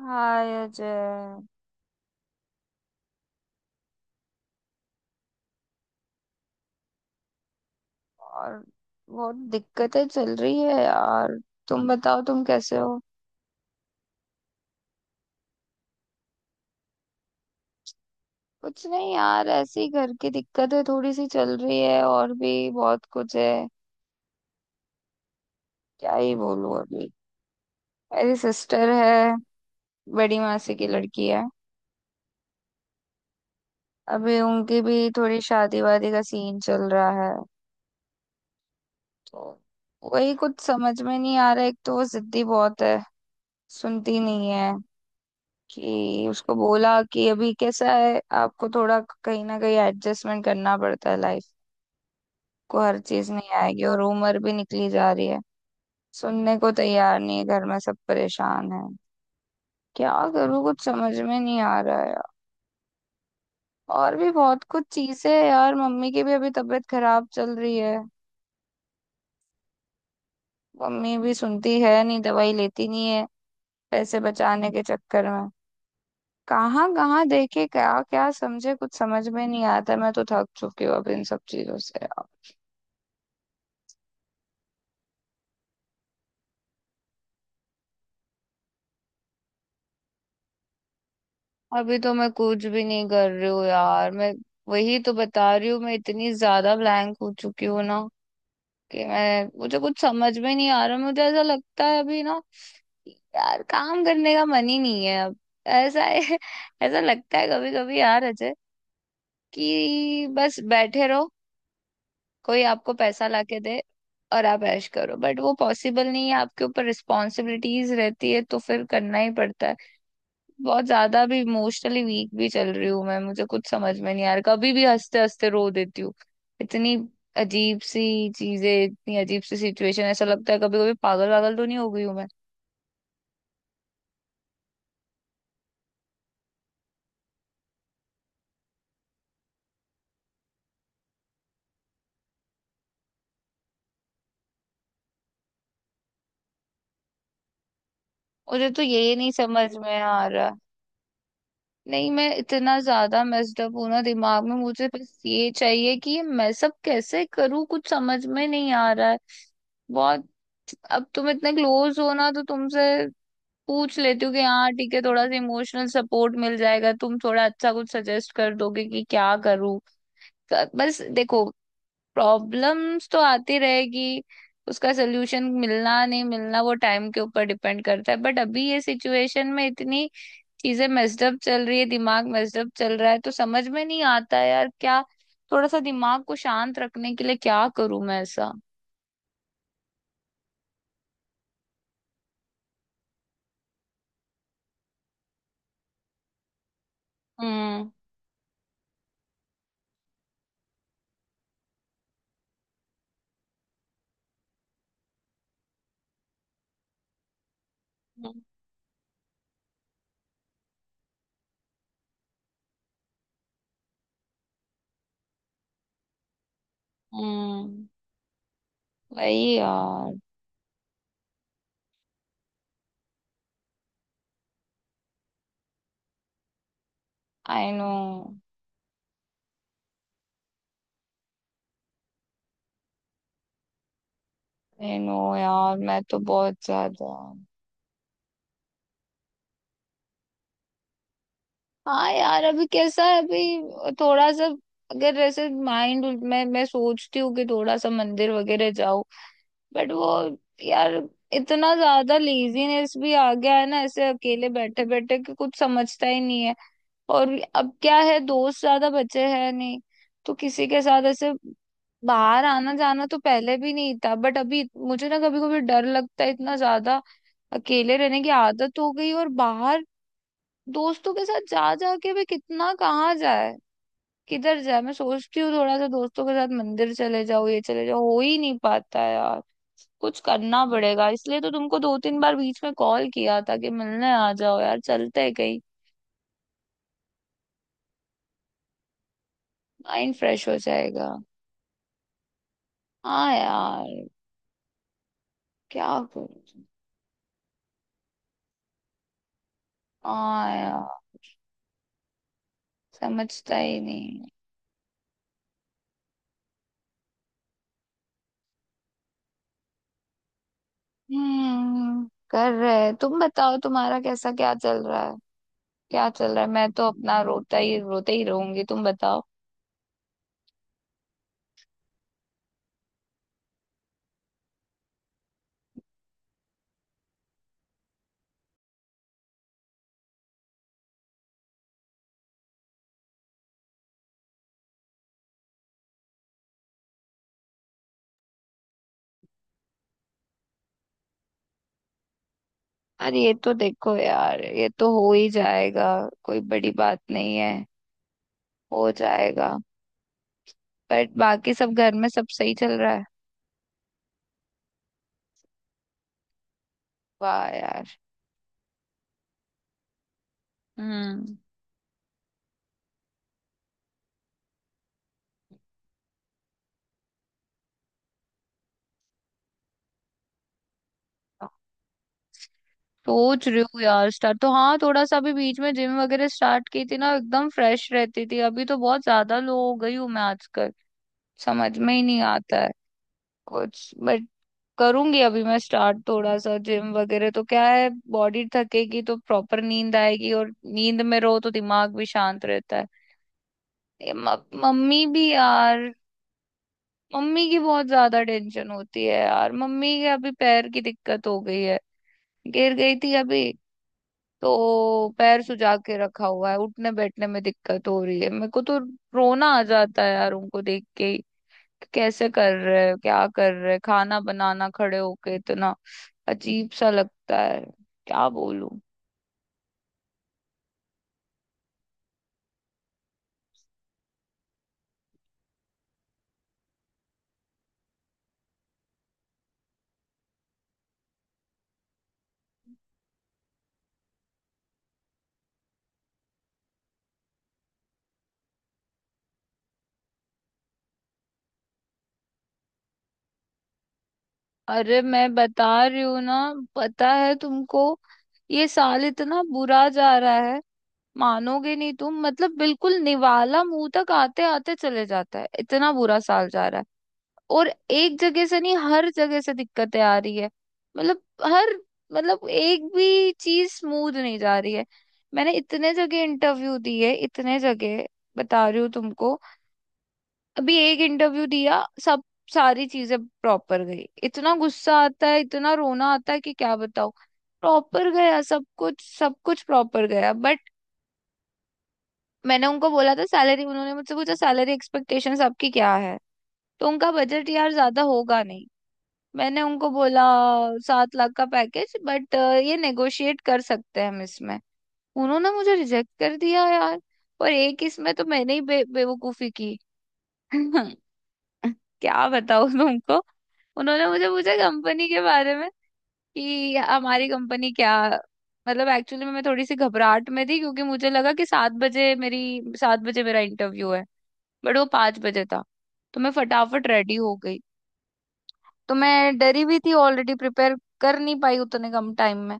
हाय अजय। और बहुत दिक्कतें चल रही है यार। तुम बताओ, तुम कैसे हो? कुछ नहीं यार, ऐसे ही घर की दिक्कतें थोड़ी सी चल रही है और भी बहुत कुछ है। क्या ही बोलूं अभी। मेरी सिस्टर है, बड़ी मासी की लड़की है। अभी उनकी भी थोड़ी शादी वादी का सीन चल रहा है, तो वही कुछ समझ में नहीं आ रहा। एक तो वो जिद्दी बहुत है, सुनती नहीं है। कि उसको बोला कि अभी कैसा है, आपको थोड़ा कहीं ना कहीं एडजस्टमेंट करना पड़ता है, लाइफ को हर चीज नहीं आएगी, और उम्र भी निकली जा रही है। सुनने को तैयार नहीं है, घर में सब परेशान है। क्या करूँ, कुछ समझ में नहीं आ रहा है। और भी बहुत कुछ चीजें है यार, मम्मी की भी अभी तबीयत खराब चल रही है। मम्मी भी सुनती है नहीं, दवाई लेती नहीं है, पैसे बचाने के चक्कर में। कहाँ कहाँ देखे, क्या क्या समझे, कुछ समझ में नहीं आता। मैं तो थक चुकी हूँ अब इन सब चीजों से। अभी तो मैं कुछ भी नहीं कर रही हूँ यार, मैं वही तो बता रही हूँ। मैं इतनी ज्यादा ब्लैंक हो चुकी हूँ ना, कि मैं मुझे कुछ समझ में नहीं आ रहा। मुझे ऐसा लगता है अभी ना, यार काम करने का मन ही नहीं है अब। ऐसा है ऐसा लगता है कभी कभी यार अजय, कि बस बैठे रहो, कोई आपको पैसा लाके दे, और आप ऐश करो। बट वो पॉसिबल नहीं है, आपके ऊपर रिस्पॉन्सिबिलिटीज रहती है, तो फिर करना ही पड़ता है। बहुत ज्यादा भी इमोशनली वीक भी चल रही हूँ मैं, मुझे कुछ समझ में नहीं आ रहा, कभी भी हंसते हंसते रो देती हूँ। इतनी अजीब सी चीजें, इतनी अजीब सी सिचुएशन, ऐसा लगता है कभी कभी पागल वागल तो नहीं हो गई हूँ मैं। मुझे तो ये नहीं समझ में आ रहा। नहीं, मैं इतना ज्यादा मेस्ड अप हूं ना दिमाग में, मुझे बस ये चाहिए कि ये मैं सब कैसे करूँ, कुछ समझ में नहीं आ रहा है बहुत। अब तुम इतने क्लोज हो ना, तो तुमसे पूछ लेती हूँ कि हाँ ठीक है, थोड़ा सा इमोशनल सपोर्ट मिल जाएगा, तुम थोड़ा अच्छा कुछ सजेस्ट कर दोगे कि क्या करूँ। बस देखो, प्रॉब्लम्स तो आती रहेगी, उसका सोल्यूशन मिलना नहीं मिलना वो टाइम के ऊपर डिपेंड करता है। बट अभी ये सिचुएशन में इतनी चीजें मेस्डअप चल रही है, दिमाग मेस्डअप चल रहा है, तो समझ में नहीं आता है यार क्या। थोड़ा सा दिमाग को शांत रखने के लिए क्या करूँ मैं ऐसा। हम्म हम्म हम्म, वही यार। आई नो, नहीं नो यार, मैं तो बहुत ज्यादा। हाँ यार, अभी कैसा है, अभी थोड़ा सा अगर ऐसे माइंड मैं सोचती हूँ कि थोड़ा सा मंदिर वगैरह जाऊं, बट वो यार, इतना ज्यादा लेजीनेस भी आ गया है ना ऐसे अकेले बैठे बैठे, कि कुछ समझता ही नहीं है। और अब क्या है, दोस्त ज्यादा बचे हैं नहीं, तो किसी के साथ ऐसे बाहर आना जाना तो पहले भी नहीं था। बट अभी मुझे ना कभी कभी डर लगता है इतना ज्यादा, अकेले रहने की आदत हो गई, और बाहर दोस्तों के साथ जा जाके भी कितना, कहाँ जाए, किधर जाए। मैं सोचती हूँ थोड़ा सा दोस्तों के साथ मंदिर चले जाओ, ये चले जाओ, हो ही नहीं पाता है यार। कुछ करना पड़ेगा, इसलिए तो तुमको 2-3 बार बीच में कॉल किया था, कि मिलने आ जाओ यार, चलते हैं कहीं, माइंड फ्रेश हो जाएगा। हाँ यार, क्या करूँ, हाँ यार, समझता ही नहीं। हम्म, कर रहे। तुम बताओ, तुम्हारा कैसा क्या चल रहा है? क्या चल रहा है, मैं तो अपना रोता ही, रोते ही रहूंगी, तुम बताओ। अरे ये तो देखो यार, ये तो हो ही जाएगा, कोई बड़ी बात नहीं है, हो जाएगा। बट बाकी सब, घर में सब सही चल रहा है? वाह यार। हम्म। सोच रही हूँ यार, स्टार्ट तो हाँ, थोड़ा सा अभी बीच में जिम वगैरह स्टार्ट की थी ना, एकदम फ्रेश रहती थी। अभी तो बहुत ज्यादा लो हो गई हूँ मैं आजकल, समझ में ही नहीं आता है कुछ। बट करूंगी अभी मैं स्टार्ट, थोड़ा सा जिम वगैरह, तो क्या है बॉडी थकेगी तो प्रॉपर नींद आएगी, और नींद में रहो तो दिमाग भी शांत रहता है। ये म- मम्मी भी यार, मम्मी की बहुत ज्यादा टेंशन होती है यार। मम्मी के अभी पैर की दिक्कत हो गई है, गिर गई थी अभी, तो पैर सुजा के रखा हुआ है, उठने बैठने में दिक्कत हो रही है। मेरे को तो रोना आ जाता है यार उनको देख के ही, कि कैसे कर रहे हैं क्या कर रहे हैं, खाना बनाना खड़े होके, इतना अजीब सा लगता है, क्या बोलूं। अरे मैं बता रही हूँ ना, पता है तुमको, ये साल इतना बुरा जा रहा है, मानोगे नहीं तुम, मतलब बिल्कुल निवाला मुंह तक आते आते चले जाता है, इतना बुरा साल जा रहा है। और एक जगह से नहीं, हर जगह से दिक्कतें आ रही है। मतलब, हर, मतलब एक भी चीज स्मूथ नहीं जा रही है। मैंने इतने जगह इंटरव्यू दिए, इतने जगह, बता रही हूँ तुमको। अभी एक इंटरव्यू दिया, सब सारी चीजें प्रॉपर गई, इतना गुस्सा आता है, इतना रोना आता है कि क्या बताऊं। प्रॉपर गया सब कुछ, सब कुछ प्रॉपर गया बट। मैंने उनको बोला था सैलरी, उन्होंने मुझसे पूछा सैलरी एक्सपेक्टेशंस आपकी क्या है, तो उनका बजट यार ज्यादा होगा नहीं। मैंने उनको बोला 7 लाख का पैकेज, बट ये नेगोशिएट कर सकते हैं हम इसमें। उन्होंने मुझे रिजेक्ट कर दिया यार। और एक इसमें तो मैंने ही बेवकूफी की। क्या बताऊं तुमको। उन्होंने मुझे पूछा कंपनी के बारे में, कि हमारी कंपनी क्या, मतलब एक्चुअली मैं थोड़ी सी घबराहट में थी, क्योंकि मुझे लगा कि 7 बजे मेरा इंटरव्यू है, बट वो 5 बजे था। तो मैं फटाफट रेडी हो गई, तो मैं डरी भी थी ऑलरेडी, प्रिपेयर कर नहीं पाई उतने कम टाइम में।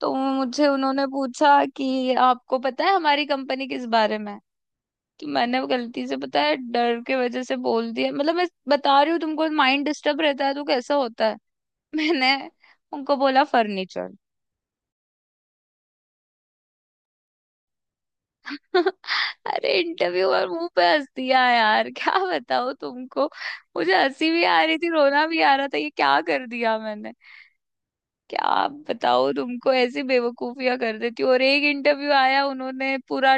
तो मुझे उन्होंने पूछा कि आपको पता है हमारी कंपनी किस बारे में है? तो मैंने वो गलती से, पता है, डर के वजह से बोल दिया, मतलब मैं बता रही हूँ तुमको, माइंड डिस्टर्ब रहता है तो कैसा होता है। मैंने उनको बोला फर्नीचर। अरे इंटरव्यूअर मुंह पे हंस दिया यार, क्या बताओ तुमको। मुझे हंसी भी आ रही थी, रोना भी आ रहा था, ये क्या कर दिया मैंने, क्या बताओ तुमको, ऐसी बेवकूफियां कर देती हूँ। और एक इंटरव्यू आया, उन्होंने पूरा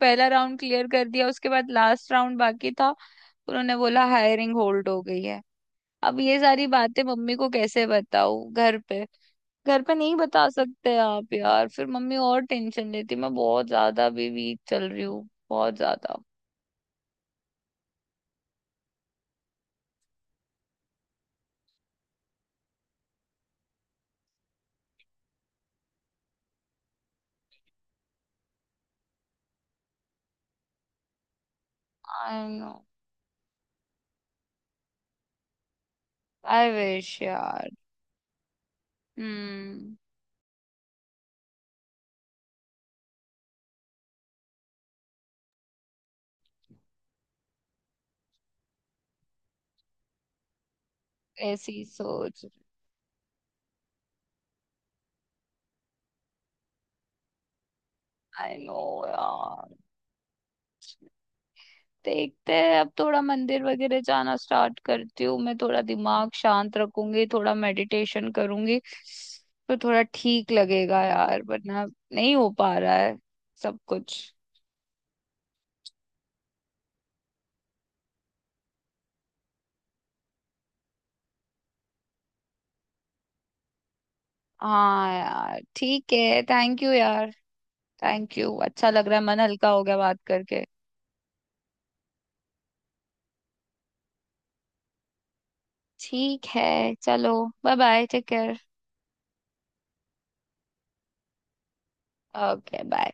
पहला राउंड क्लियर कर दिया, उसके बाद लास्ट राउंड बाकी था, उन्होंने बोला हायरिंग होल्ड हो गई है। अब ये सारी बातें मम्मी को कैसे बताऊं घर पे? घर पे नहीं बता सकते आप यार, फिर मम्मी और टेंशन लेती, मैं बहुत ज्यादा भी वीक चल रही हूँ, बहुत ज्यादा। आई नो, आई विश यार। हम्म, ऐसी सोच। आई नो यार, देखते हैं, अब थोड़ा मंदिर वगैरह जाना स्टार्ट करती हूँ मैं, थोड़ा दिमाग शांत रखूंगी, थोड़ा मेडिटेशन करूंगी, तो थोड़ा ठीक लगेगा यार, वरना नहीं हो पा रहा है सब कुछ। हाँ यार ठीक है, थैंक यू यार, थैंक यू, अच्छा लग रहा है, मन हल्का हो गया बात करके। ठीक है, चलो, bye bye, take care. Okay bye.